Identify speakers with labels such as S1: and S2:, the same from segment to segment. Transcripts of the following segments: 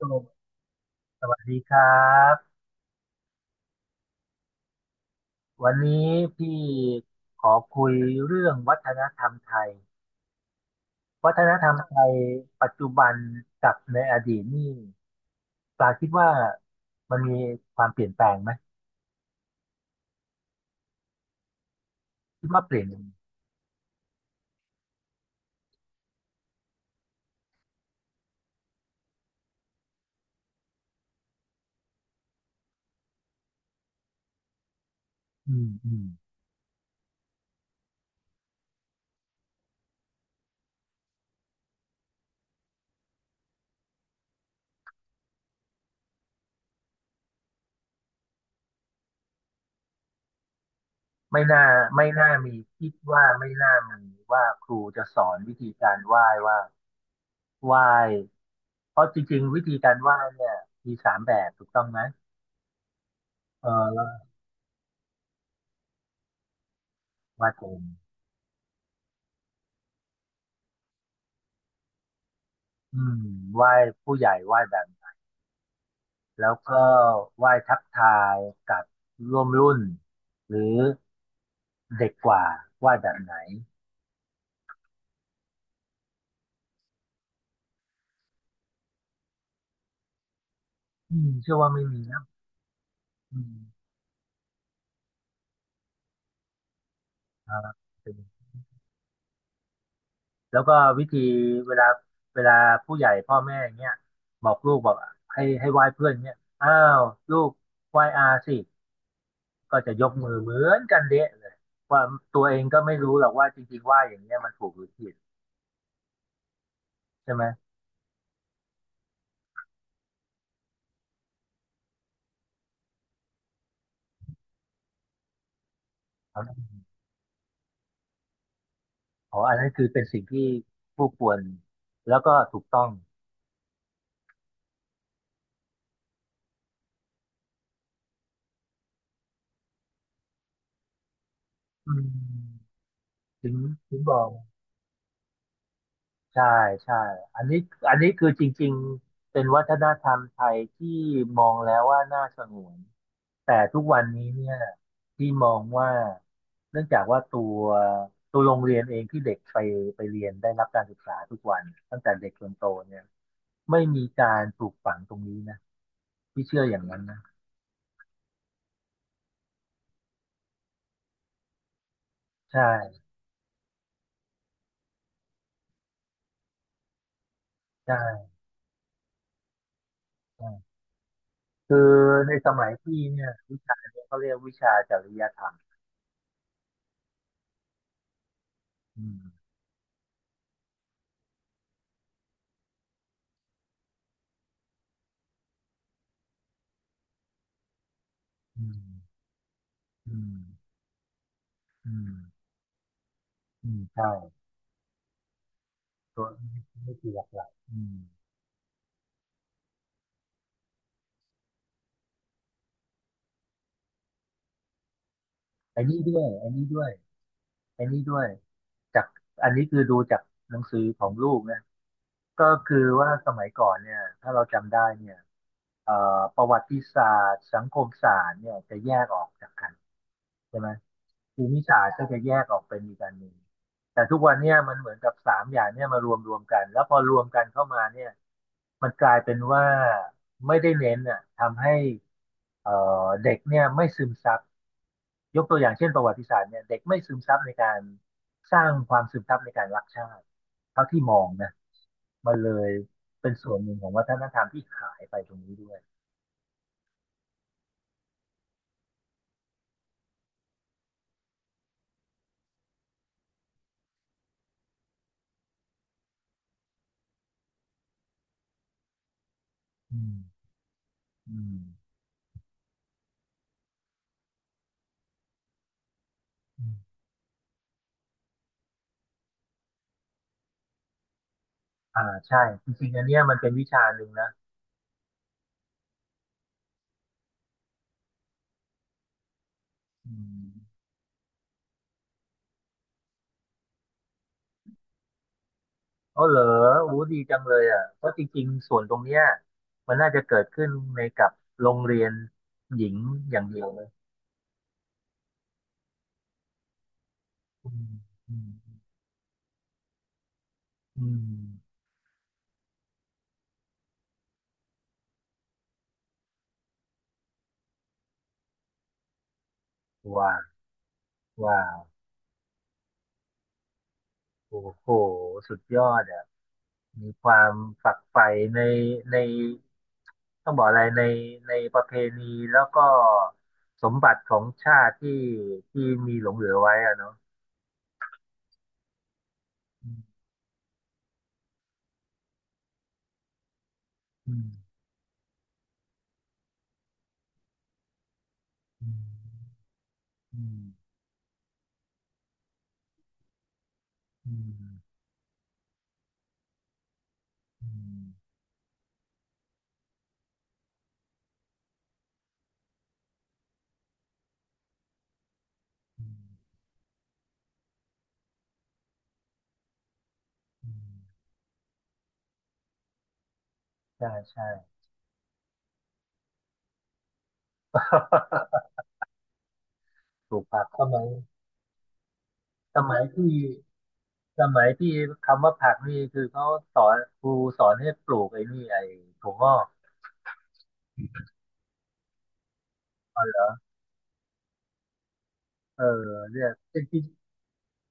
S1: โจสวัสดีครับวันนี้พี่ขอคุยเรื่องวัฒนธรรมไทยวัฒนธรรมไทยปัจจุบันกับในอดีตนี่ปลาคิดว่ามันมีความเปลี่ยนแปลงไหมคิดว่าเปลี่ยนยังไงอืมอืมไม่น่าไม่น่ามีคิดว่าไม่น่ามีว่าครูจะสอนวิธีการไหว้ว่าไหว้เพราะจริงๆวิธีการไหว้เนี่ยมีสามแบบถูกต้องไหมเออไหว้กลมอืมไหว้ผู้ใหญ่ไหว้แบบ แล้วก็ไหว้ทักทายกับร่วมรุ่นหรือเด็กกว่าไหว้แบบไหนอืมเชื่อว่าไม่มีนะอืมครับเป็นแล้วก็วิธีเวลาเวลาผู้ใหญ่พ่อแม่เงี้ยบอกลูกบอกให้ให้ไหว้เพื่อนเงี้ยอ้าวลูกไหว้อาสิก็จะยกมือเหมือนกันเดะเลยว่าตัวเองก็ไม่รู้หรอกว่าจริงๆไหว้อย่างเงี้ยมันถูกหรือผิดใช่ไหมครับอ๋ออันนั้นคือเป็นสิ่งที่ผู้ควรแล้วก็ถูกต้องอืม ถึงถึงบอกใช่ใช่อันนี้อันนี้คือจริงๆเป็นวัฒนธรรมไทยที่มองแล้วว่าน่าสงวนแต่ทุกวันนี้เนี่ยที่มองว่าเนื่องจากว่าตัวตัวโรงเรียนเองที่เด็กไปไปเรียนได้รับการศึกษาทุกวันตั้งแต่เด็กจนโตเนี่ยไม่มีการปลูกฝังตรงนี้นะพี่เชื่ออย่างนั้นนะใช่ใช่ใช่คือในสมัยพี่เนี่ยวิชาเนี่ยเขาเรียกวิชาจริยธรรมอืมอืมอืมอืม อืมใช่ตัวนี่คือหลักๆอืมไอ้นี่ด้วยไอ้นี่ด้วยไอ้นี่ด้วยจากอันนี้คือดูจากหนังสือของลูกนะก็คือว่าสมัยก่อนเนี่ยถ้าเราจำได้เนี่ยเอ่ประวัติศาสตร์สังคมศาสตร์เนี่ยจะแยกออกจากกันใช่ไหมภูมิศาสตร์ก็จะแยกออกเป็นอีกอันหนึ่งแต่ทุกวันเนี่ยมันเหมือนกับสามอย่างเนี่ยมารวมรวมกันแล้วพอรวมกันเข้ามาเนี่ยมันกลายเป็นว่าไม่ได้เน้นอ่ะทำให้เอ่อเด็กเนี่ยไม่ซึมซับ ยกตัวอย่างเช่นประวัติศาสตร์เนี่ยเด็กไม่ซึมซับในการสร้างความซึมซับในการรักชาติเท่าที่มองนะมันเลยเป็นส่วนหนึ่งของวัฒนธรรมที่หายไปตรงนี้ด้วยอืมอืมอืมอ่าใช่จริงๆอันเนี้ยมันเป็นวิชาหนึ่งนะอืมอ๋อเหรอโอ้ดีจังเลยอ่ะเพราะจริงๆส่วนตรงเนี้ยมันน่าจะเกิดขึ้นในกับโรงเรียนหญิงอย่างเดียวเลยอืมอืมอืมว้าวว้าวโอ้โหสุดยอดอ่ะ มีความฝักใฝ่ในในต้องบอกอะไรในประเพณีแล้วก็สมบัติของชาติที่มีหลงเหลือไว้อะเนาะอืมอืมอืมอืมอืมอืมใช่ใช่ปลูกผักสมัยสมัยที่สมัยที่คำว่าผักนี่คือเขาสอนครูสอนให้ปลูกไอ้นี่ไอ้ถั่วงอกอ๋อเหรอเออเรียกจริง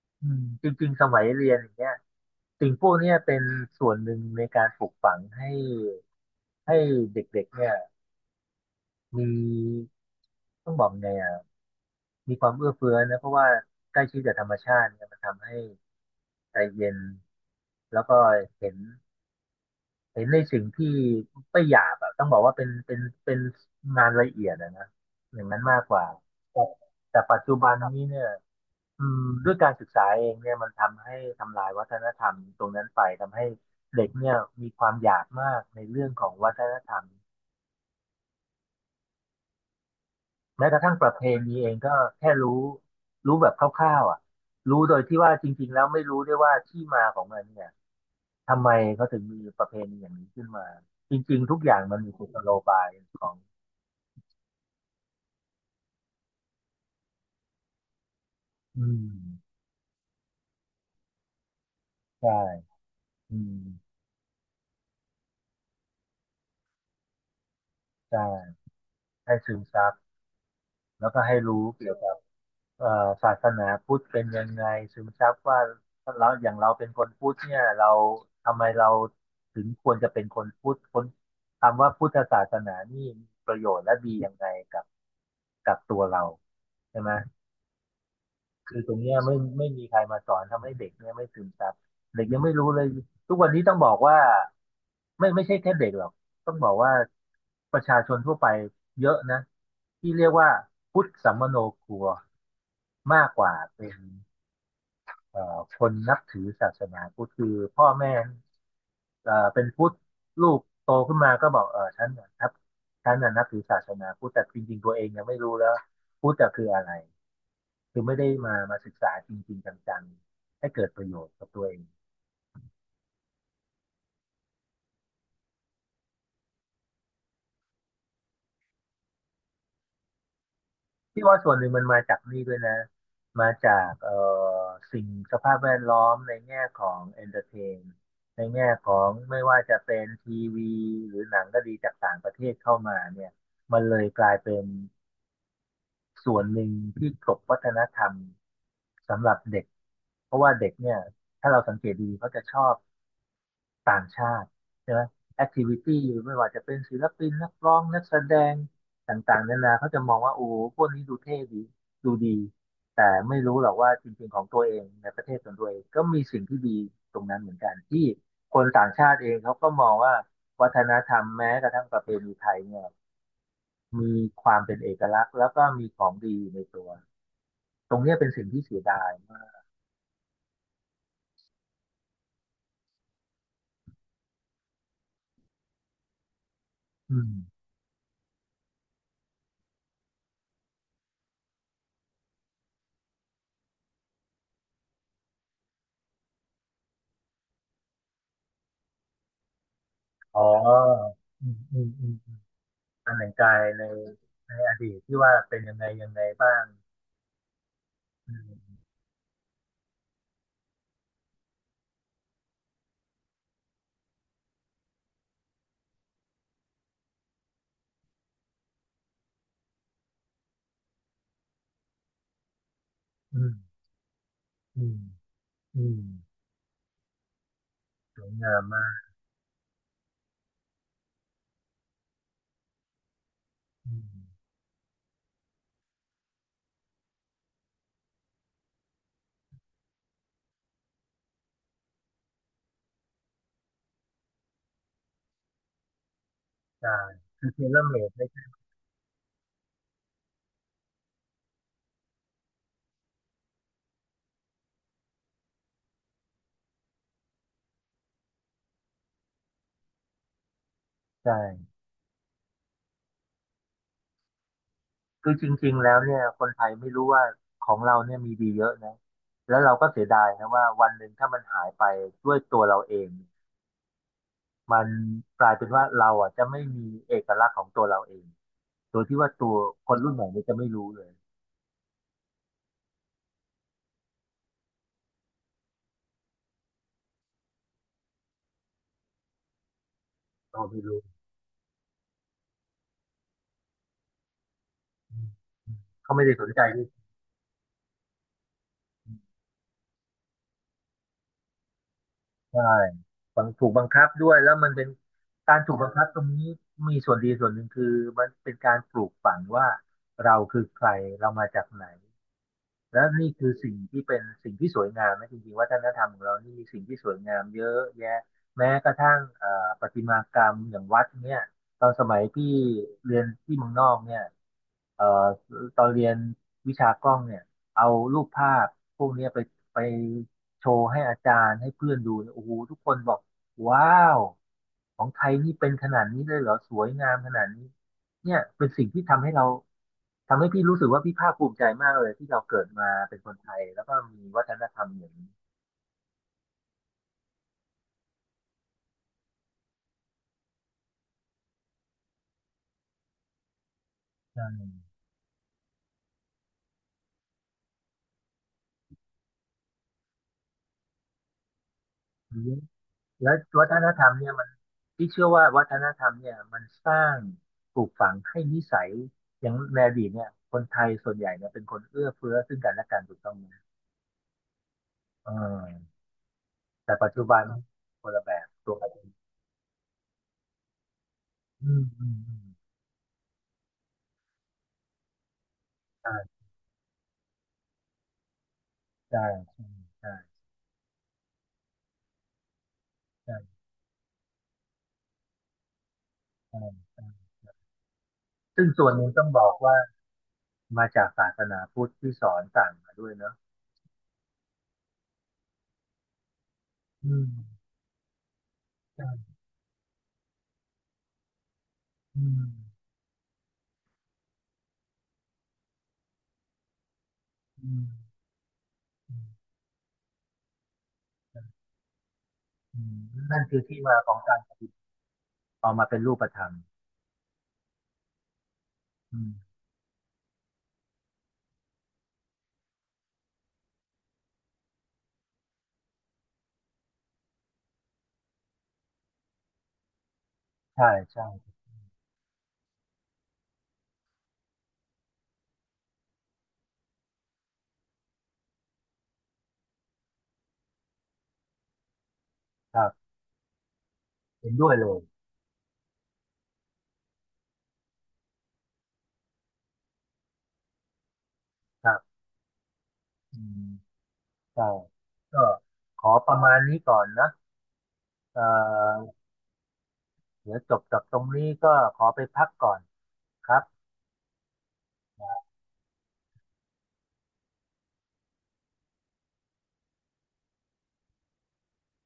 S1: ๆอืมจริงๆสมัยเรียนอย่างเงี้ย สิ่งพวกเนี้ยเป็นส่วนหนึ่งในการปลูกฝังให้ให้เด็กๆเนี่ยมีต้องบอกไงอ่ะมีความเอื้อเฟื้อนะเพราะว่าใกล้ชิดกับธรรมชาติเนี่ยมันทำให้ใจเย็นแล้วก็เห็นเห็นในสิ่งที่ไม่หยาบอะต้องบอกว่าเป็นเป็นเป็นงานละเอียดอะนะอย่างนั้นมากกว่าแต่แต่ปัจจุบันนี้เนี่ย อืมด้วยการศึกษาเองเนี่ยมันทำให้ทำลายวัฒนธรรมตรงนั้นไปทำให้เด็กเนี่ยมีความอยากมากในเรื่องของวัฒนธรรมแม้กระทั่งประเพณีเองก็แค่รู้รู้แบบคร่าวๆอ่ะรู้โดยที่ว่าจริงๆแล้วไม่รู้ด้วยว่าที่มาของมันเนี่ยทำไมเขาถึงมีประเพณีอย่างนี้ขึ้นมาจริงๆทุกอย่างมันมีกุศโลบายของอืมใช่อืมใช่ให้ซึมซับแล้วก็ให้รู้เกี่ยวกับ เอ่อศาสนาพุทธเป็นยังไงซึมซับว่าเราอย่างเราเป็นคนพุทธเนี่ยเราทำไมเราถึงควรจะเป็นคนพุทธคนคำว่าพุทธศาสนานี่มีประโยชน์และดียังไงกับกับตัวเราใช่ไหมคือตรงเนี้ยไม่ไม่มีใครมาสอนทำให้เด็กเนี่ยไม่ซึมซับเด็กยังไม่รู้เลยทุกวันนี้ต้องบอกว่าไม่ไม่ใช่แค่เด็กหรอกต้องบอกว่าประชาชนทั่วไปเยอะนะที่เรียกว่าพุทธสัมมโนครัวมากกว่าเป็น คนนับถือศาสนาพุทธคือพ่อแม่เป็นพุทธลูกโตขึ้นมาก็บอกเออฉันน่ะนับถือศาสนาพุทธแต่จริงๆตัวเองยังไม่รู้แล้วพุทธะคืออะไรคือไม่ได้มาศึกษาจริงๆจังๆให้เกิดประโยชน์กับตัวเองที่ว่าส่วนหนึ่งมันมาจากนี่ด้วยนะมาจากสิ่งสภาพแวดล้อมในแง่ของเอนเตอร์เทนในแง่ของไม่ว่าจะเป็นทีวีหรือหนังก็ดีจากต่างประเทศเข้ามาเนี่ยมันเลยกลายเป็น ส่วนหนึ่งที่กลบวัฒนธรรมสำหรับเด็กเพราะว่าเด็กเนี่ยถ้าเราสังเกตดีเขาจะชอบต่างชาติใช่ไหมแอคทิวิตี้ไม่ว่าจะเป็นศิลปินนักร้องนักแสดงต่างๆนานาเขาจะมองว่าโอ้โหพวกนี้ดูเท่ดีดูดีแต่ไม่รู้หรอกว่าจริงๆของตัวเองในประเทศของตัวเองก็มีสิ่งที่ดีตรงนั้นเหมือนกันที่คนต่างชาติเองเขาก็มองว่าวัฒนธรรมแม้กระทั่งประเพณีไทยเนี่ยมีความเป็นเอกลักษณ์แล้วก็มีของดีในตัว ตรงเนี้ยเป็นสิ่งที่เสียดายมากอืมอ๋ออืมอืมอืมการแต่งกายในในอดีตที่ว่าเป็นยังไงยังไงบ้างอืมอืมอืมอืมสวยงามมากอืมใช่ คือเซรั่มเมดไม่ใช่ใช่คือจริงๆแล้วเนี่ยคนไทยไม่รู้ว่าของเราเนี่ยมีดีเยอะนะแล้วเราก็เสียดายนะว่าวันหนึ่งถ้ามันหายไปด้วยตัวเราเอง มันกลายเป็นว่าเราอ่ะจะไม่มีเอกลักษณ์ของตัวเราเองโดยที่ว่าตัวคนรุ่นใหม่เนี่ยจะไม่รู้เลย เราไม่รู้ เขาไม่ได้สนใจด้วยใช่บังถูกบังคับด้วย แล้วมันเป็นการถูกบังคับตรงนี้ มีส่วนดีส่วนหนึ่งคือมันเป็นการปลูกฝังว่าเราคือใครเรามาจากไหน แล้วนี่คือสิ่งที่เป็นสิ่งที่สวยงามนะจริงๆวัฒนธรรมของเรานี่มีสิ่งที่สวยงามเยอะแยะแม้กระทั่งประติมากรรมอย่างวัดเนี่ยตอนสมัยพี่เรียนที่เมืองนอกเนี่ยเอ่อตอนเรียนวิชากล้องเนี่ยเอารูปภาพพวกเนี้ยไปโชว์ให้อาจารย์ให้เพื่อนดูเนี่ยโอ้โหทุกคนบอกว้าวของไทยนี่เป็นขนาดนี้เลยเหรอสวยงามขนาดนี้เนี่ยเป็นสิ่งที่ทำให้เรา ทำให้พี่รู้สึกว่าพี่ภาคภูมิใจมากเลยที่เราเกิดมาเป็นคนไทยแล้วก็มีวัฒนธรรมอย่างนี้ใช่แล้ววัฒนธรรมเนี่ยมันพี่เชื่อว่าวัฒนธรรมเนี่ยมันสร้างปลูกฝังให้นิสัยอย่างในอดีตเนี่ยคนไทยส่วนใหญ่เนี่ยเป็นคนเอื้อเฟื้อซึ่งกันและกันถูกต้องไหมเออแต่ปัจจุบันคนละแบบตัวกันอืมอืมอืมใช่ใช่ใช่ใช่ใช่ใช่ซึ่งส่วนหนึ่งต้องบอกว่ามาจากศาสนาพุทธที่สอนสั่งมาด้วยเนอะอืม ใช่อืมอืมอืมนั่นคือที่มาของการปฏิบัติเอามาเป็นรูปธรรมอืมใช่ ใช่ครับเห็นด้วยเลยครับอืมใช่ก็ขอประมาณนี้ก่อนนะเอ่อเดี๋ยวจบจากตรงนี้ก็ขอไปพักก่อนครับ